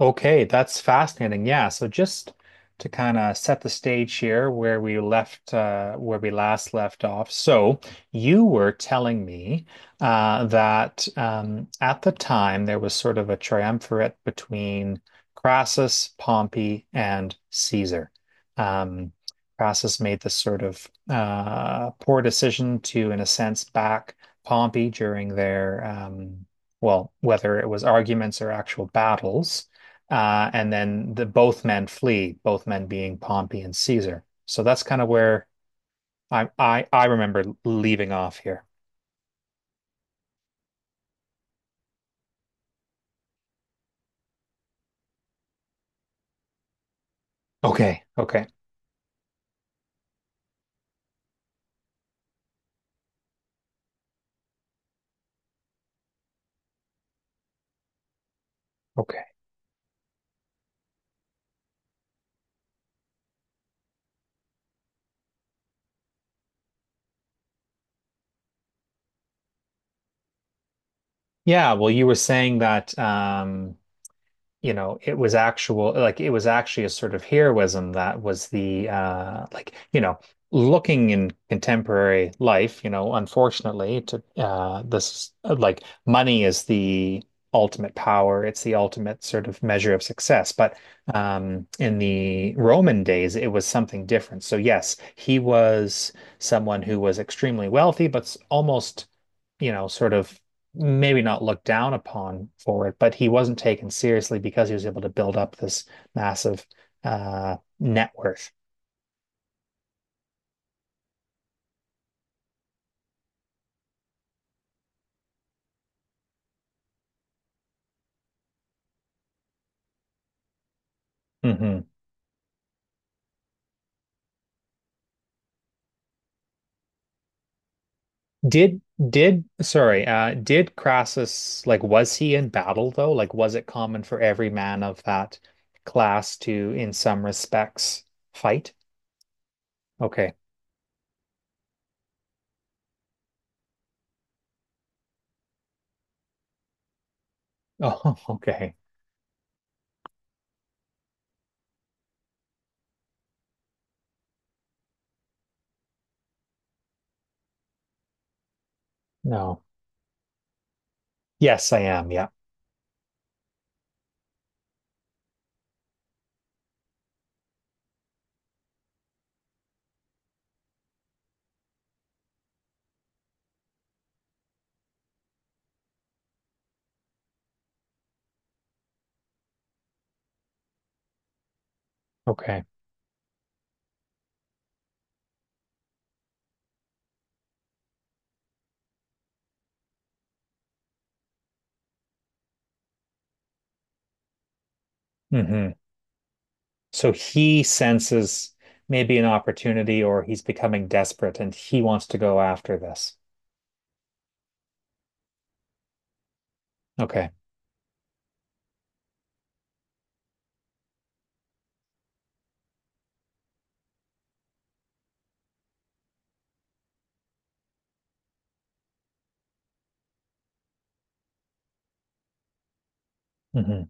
Okay, that's fascinating. Yeah, so just to kind of set the stage here where we left where we last left off. So you were telling me that at the time there was sort of a triumvirate between Crassus, Pompey, and Caesar. Um, Crassus made this sort of poor decision to, in a sense, back Pompey during their well, whether it was arguments or actual battles. And then the both men flee, both men being Pompey and Caesar. So that's kind of where I remember leaving off here. Okay, okay, okay. Yeah, well, you were saying that you know, it was actual like it was actually a sort of heroism that was the like, you know, looking in contemporary life, you know, unfortunately to this like money is the ultimate power, it's the ultimate sort of measure of success. But in the Roman days it was something different. So yes, he was someone who was extremely wealthy, but almost, you know, sort of maybe not looked down upon for it, but he wasn't taken seriously because he was able to build up this massive net worth. Hmm. Did did sorry, did Crassus like was he in battle though? Like was it common for every man of that class to, in some respects, fight? Okay. Oh, okay. No. Yes, I am. Yeah. Okay. Hmm. So he senses maybe an opportunity or he's becoming desperate and he wants to go after this. Okay. Hmm.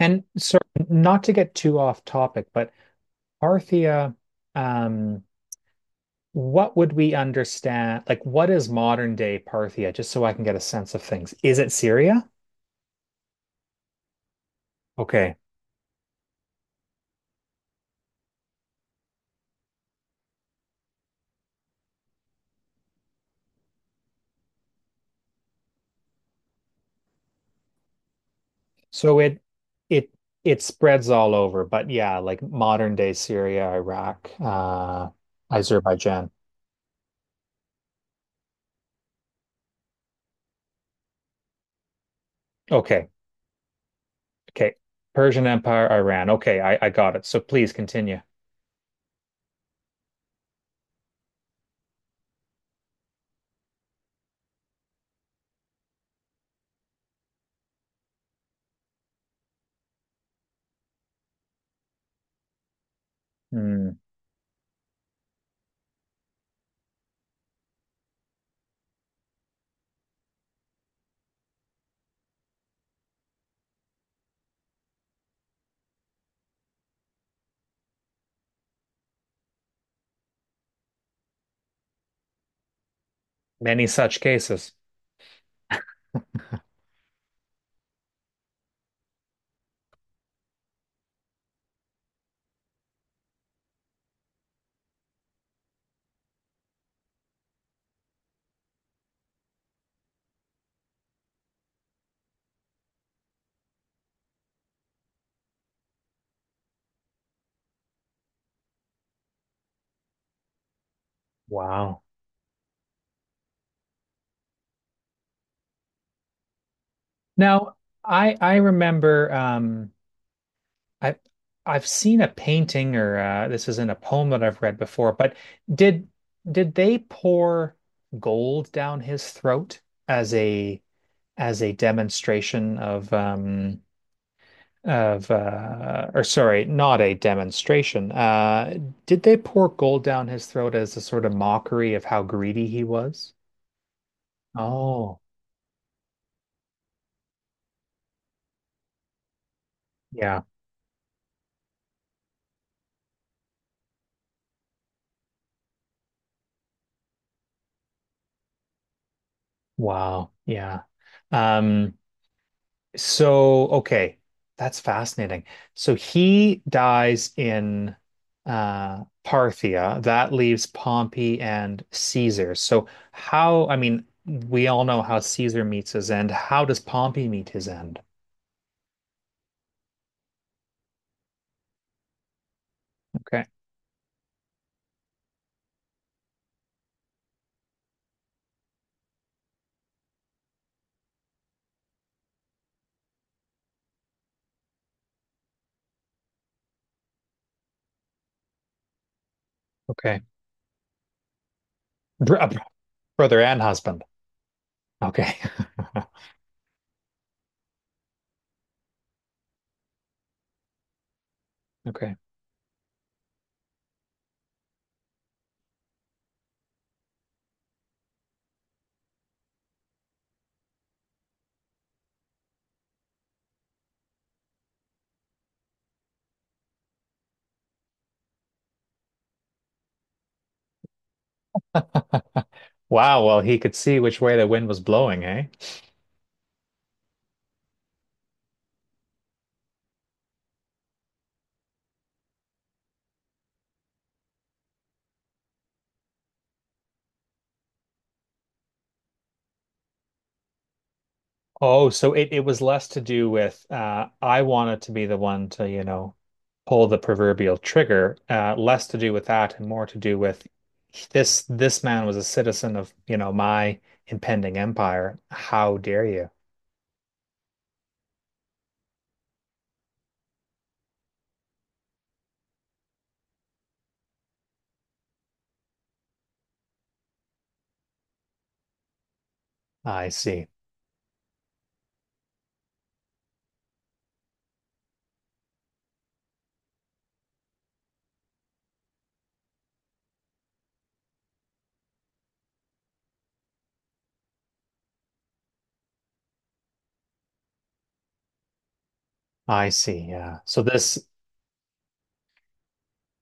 And so, not to get too off topic, but Parthia, um, what would we understand? Like, what is modern day Parthia? Just so I can get a sense of things. Is it Syria? Okay. So it it spreads all over, but yeah, like modern day Syria, Iraq, Azerbaijan. Okay. Okay. Persian Empire, Iran. Okay, I got it. So please continue. Hmm. Many such cases. Wow. Now, I remember I I've seen a painting or this is in a poem that I've read before, but did did they pour gold down his throat as a as a demonstration of or sorry, not a demonstration. Did they pour gold down his throat as a sort of mockery of how greedy he was? Oh, yeah. Wow. Yeah. Um, so okay, that's fascinating. So he dies in Parthia. That leaves Pompey and Caesar. So how, I mean, we all know how Caesar meets his end. How does Pompey meet his end? Okay. Okay. Br- Brother and husband. Okay. Okay. Wow. Well, he could see which way the wind was blowing, eh? Oh, so it was less to do with I wanted to be the one to, you know, pull the proverbial trigger, less to do with that and more to do with this man was a citizen of, you know, my impending empire. How dare you? I see. I see. Yeah. So this,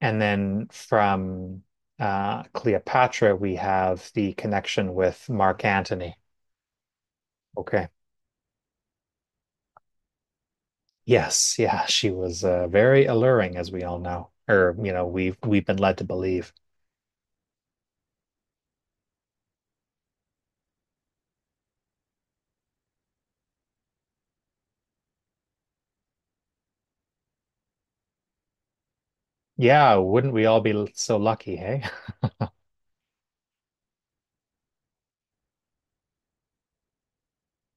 and then from Cleopatra, we have the connection with Mark Antony. Okay. Yes, yeah, she was very alluring, as we all know, or you know, we've been led to believe. Yeah, wouldn't we all be so lucky, hey?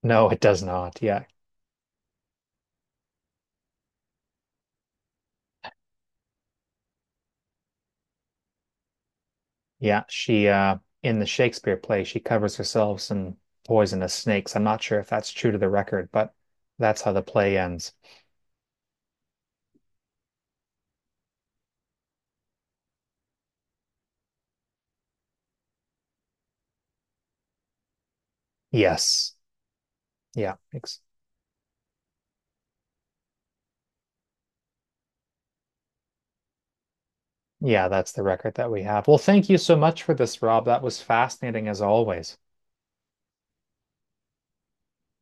No, it does not. Yeah, yeah. She in the Shakespeare play, she covers herself in poisonous snakes. I'm not sure if that's true to the record, but that's how the play ends. Yes, yeah, ex yeah. That's the record that we have. Well, thank you so much for this, Rob. That was fascinating as always.